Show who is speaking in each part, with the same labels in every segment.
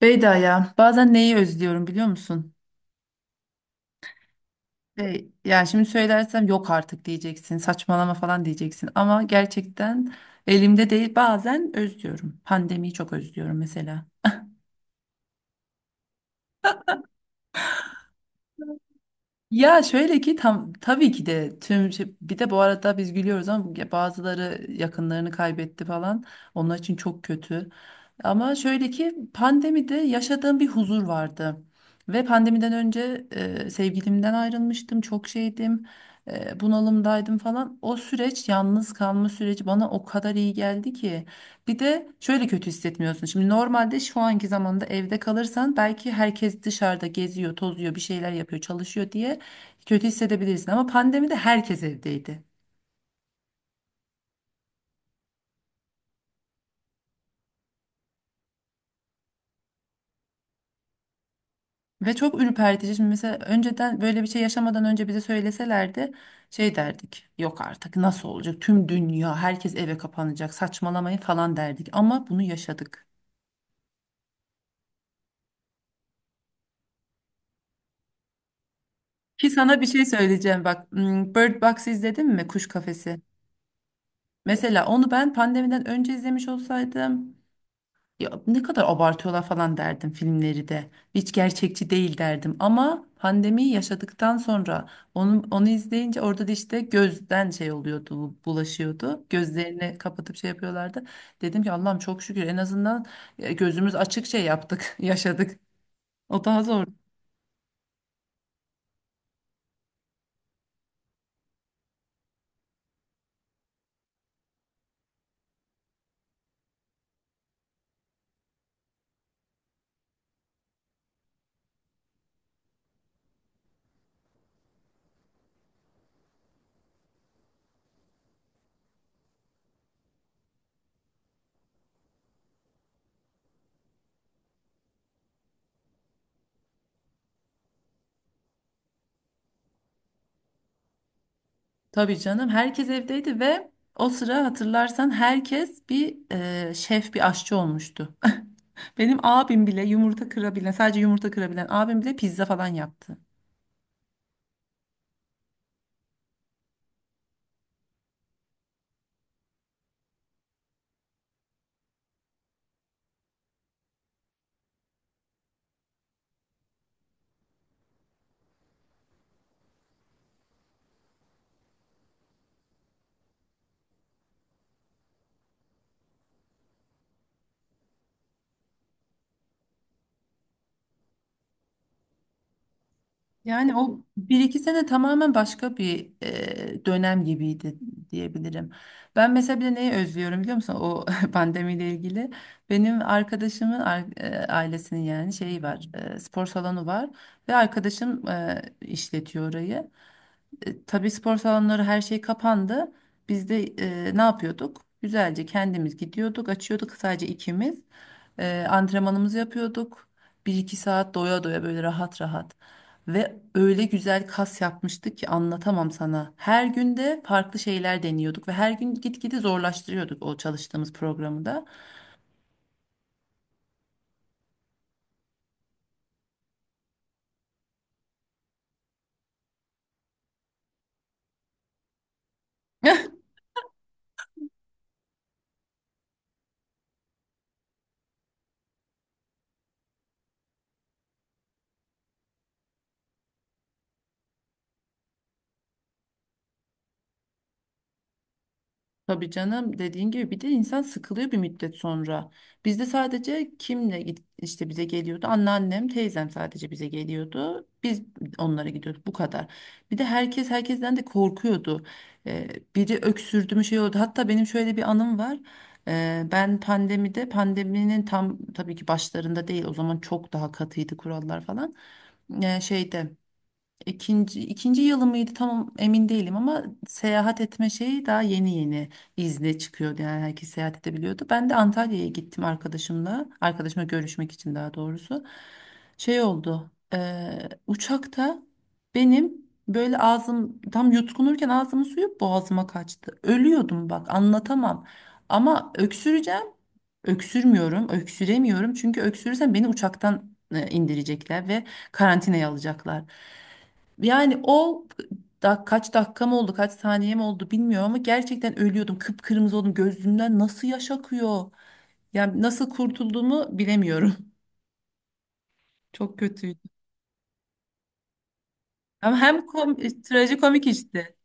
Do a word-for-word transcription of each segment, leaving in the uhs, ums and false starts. Speaker 1: Beyda ya bazen neyi özlüyorum biliyor musun? E, yani şimdi söylersem yok artık diyeceksin saçmalama falan diyeceksin ama gerçekten elimde değil bazen özlüyorum. Pandemiyi çok özlüyorum mesela. Ya şöyle ki tam tabii ki de tüm şey- bir de bu arada biz gülüyoruz ama ya bazıları yakınlarını kaybetti falan. Onlar için çok kötü. Ama şöyle ki pandemide yaşadığım bir huzur vardı. Ve pandemiden önce e, sevgilimden ayrılmıştım, çok şeydim, e, bunalımdaydım falan. O süreç, yalnız kalma süreci bana o kadar iyi geldi ki. Bir de şöyle kötü hissetmiyorsun. Şimdi normalde şu anki zamanda evde kalırsan belki herkes dışarıda geziyor, tozuyor, bir şeyler yapıyor, çalışıyor diye kötü hissedebilirsin. Ama pandemide herkes evdeydi. Ve çok ürpertici. Şimdi mesela önceden böyle bir şey yaşamadan önce bize söyleselerdi şey derdik. Yok artık nasıl olacak? Tüm dünya herkes eve kapanacak. Saçmalamayın falan derdik. Ama bunu yaşadık. Ki sana bir şey söyleyeceğim bak. hmm, Bird Box izledin mi? Kuş Kafesi. Mesela onu ben pandemiden önce izlemiş olsaydım, ya ne kadar abartıyorlar falan derdim filmleri de. Hiç gerçekçi değil derdim. Ama pandemiyi yaşadıktan sonra onu, onu izleyince orada da işte gözden şey oluyordu, bu- bulaşıyordu. Gözlerini kapatıp şey yapıyorlardı. Dedim ki Allah'ım çok şükür en azından e, gözümüz açık şey yaptık, yaşadık. O daha zor. Tabii canım herkes evdeydi ve o sıra hatırlarsan herkes bir e, şef, bir aşçı olmuştu. Benim abim bile yumurta kırabilen, sadece yumurta kırabilen abim bile pizza falan yaptı. Yani o bir iki sene tamamen başka bir e, dönem gibiydi diyebilirim. Ben mesela bir de neyi özlüyorum biliyor musun? O pandemiyle ilgili. Benim arkadaşımın ar- e, ailesinin yani şeyi var, e, spor salonu var ve arkadaşım e, işletiyor orayı. E, tabii spor salonları her şey kapandı. Biz de e, ne yapıyorduk? Güzelce kendimiz gidiyorduk, açıyorduk sadece ikimiz. Ee, antrenmanımızı yapıyorduk. Bir iki saat doya doya böyle rahat rahat. Ve öyle güzel kas yapmıştık ki anlatamam sana. Her günde farklı şeyler deniyorduk ve her gün gitgide zorlaştırıyorduk o çalıştığımız programı da. Tabii canım dediğin gibi bir de insan sıkılıyor bir müddet sonra. Bizde sadece kimle git işte bize geliyordu? Anneannem, teyzem sadece bize geliyordu. Biz onlara gidiyorduk bu kadar. Bir de herkes herkesten de korkuyordu. Ee, Biri öksürdü mü şey oldu. Hatta benim şöyle bir anım var. Ee, ben pandemide pandeminin tam tabii ki başlarında değil, o zaman çok daha katıydı kurallar falan. Ee, şeyde İkinci, ikinci yılı mıydı tam emin değilim ama seyahat etme şeyi daha yeni yeni izne çıkıyordu. Yani herkes seyahat edebiliyordu. Ben de Antalya'ya gittim arkadaşımla. Arkadaşımla görüşmek için daha doğrusu. Şey oldu. Eee, uçakta benim böyle ağzım tam yutkunurken ağzımın suyu boğazıma kaçtı. Ölüyordum bak anlatamam. Ama öksüreceğim. Öksürmüyorum, öksüremiyorum. Çünkü öksürürsem beni uçaktan e, indirecekler ve karantinaya alacaklar. Yani o da kaç dakikam oldu, kaç saniyem oldu bilmiyorum ama gerçekten ölüyordum. Kıpkırmızı oldum. Gözümden nasıl yaş akıyor? Yani nasıl kurtulduğumu bilemiyorum. Çok kötüydü. Ama hem kom trajikomik işte.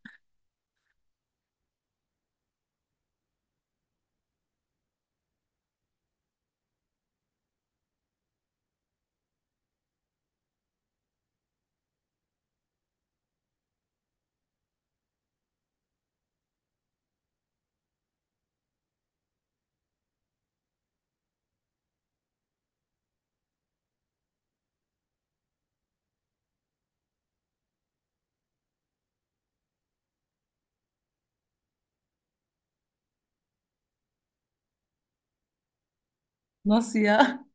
Speaker 1: Nasıl ya?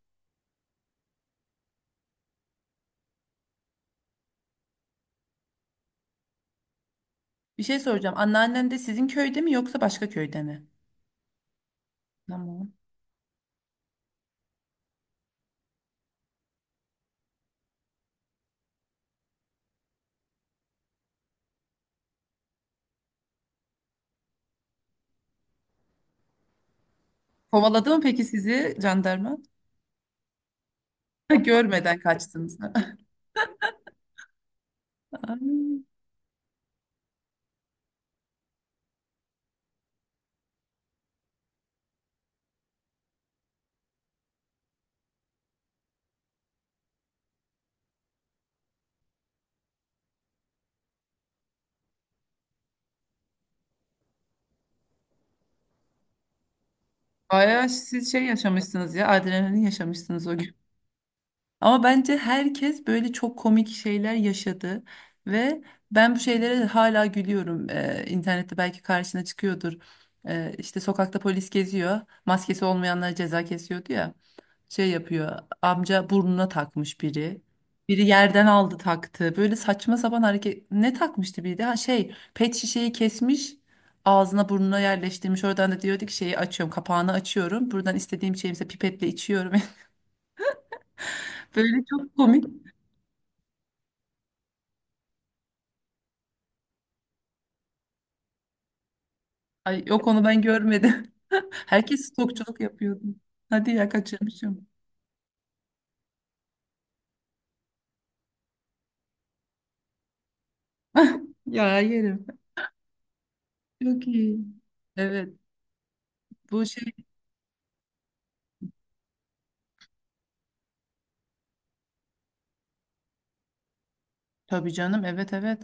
Speaker 1: Bir şey soracağım. Anneannen de sizin köyde mi yoksa başka köyde mi? Tamam. Kovaladı mı peki sizi jandarma? Ha, görmeden kaçtınız. Ay, bayağı siz şey yaşamışsınız ya. Adrenalin yaşamışsınız o gün. Ama bence herkes böyle çok komik şeyler yaşadı ve ben bu şeylere hala gülüyorum. Ee, internette belki karşına çıkıyordur. Ee, işte sokakta polis geziyor, maskesi olmayanlara ceza kesiyordu ya. Şey yapıyor, amca burnuna takmış biri. Biri yerden aldı taktı. Böyle saçma sapan hareket. Ne takmıştı biri de? Ha şey, pet şişeyi kesmiş. Ağzına burnuna yerleştirmiş. Oradan da diyordu ki şeyi açıyorum, kapağını açıyorum. Buradan istediğim şeyimse pipetle içiyorum. Böyle çok komik. Ay yok onu ben görmedim. Herkes stokçuluk yapıyordu. Hadi ya kaçırmışım. Ya yerim. Çok iyi. Evet. Bu şey tabii canım, evet, evet,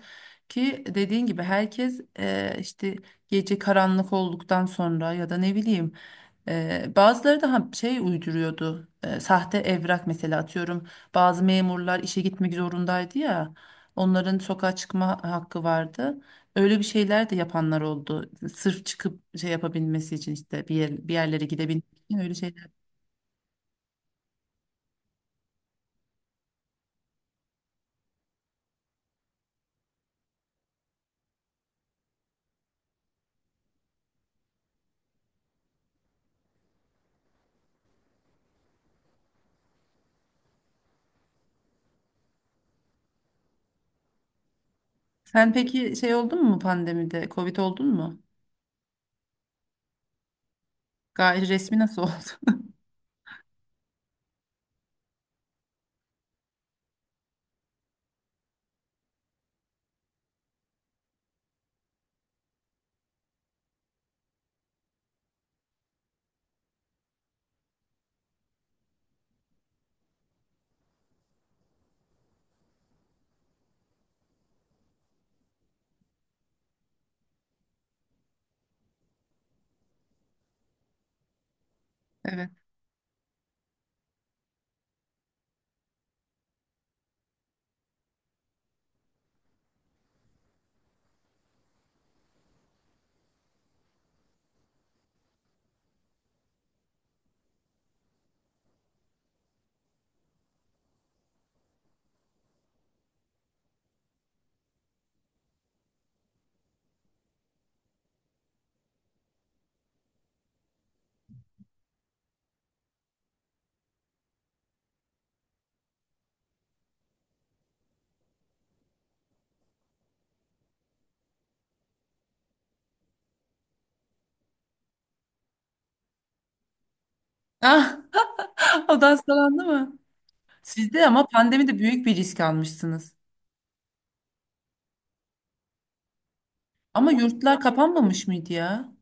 Speaker 1: ki dediğin gibi herkes e, işte gece karanlık olduktan sonra ya da ne bileyim, e, bazıları da ha- şey uyduruyordu. E, sahte evrak mesela atıyorum bazı memurlar işe gitmek zorundaydı ya, onların sokağa çıkma hakkı vardı. Öyle bir şeyler de yapanlar oldu sırf çıkıp şey yapabilmesi için işte bir yer, bir yerlere gidebilmek için öyle şeyler. Sen peki şey oldun mu pandemide, Covid oldun mu? Gayri resmi nasıl oldu? Evet. Ah. O da hastalandı mı? Siz de ama pandemide büyük bir risk almışsınız. Ama yurtlar kapanmamış mıydı ya?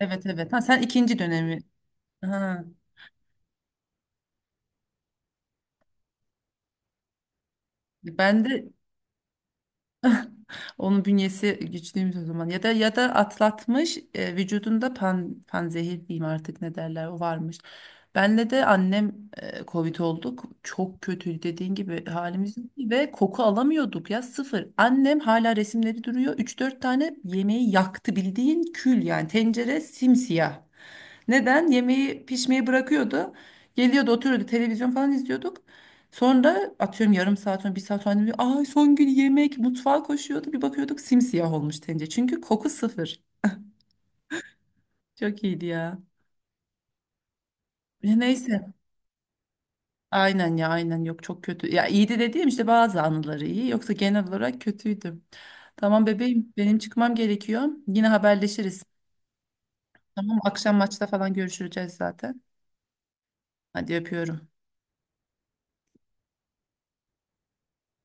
Speaker 1: Evet, evet. Ha, sen ikinci dönemi. Ha, ben de. Onun bünyesi güçlüymüş o zaman. Ya da ya da atlatmış, e, vücudunda pan panzehir diyeyim artık, ne derler o varmış. Benle de annem e, Covid olduk. Çok kötüydü dediğin gibi, halimiz yok ve koku alamıyorduk ya, sıfır. Annem hala resimleri duruyor. Üç dört tane yemeği yaktı, bildiğin kül, yani tencere simsiyah. Neden? Yemeği pişmeyi bırakıyordu. Geliyordu, oturuyordu, televizyon falan izliyorduk. Sonra atıyorum yarım saat sonra, bir saat sonra annem diyor, ay son gün yemek, mutfağa koşuyordu, bir bakıyorduk simsiyah olmuş tencere. Çünkü koku sıfır. Çok iyiydi ya. Ya neyse. Aynen ya, aynen, yok çok kötü. Ya iyiydi dediğim işte bazı anıları, iyi yoksa genel olarak kötüydü. Tamam bebeğim benim çıkmam gerekiyor. Yine haberleşiriz. Tamam akşam maçta falan görüşeceğiz zaten. Hadi öpüyorum.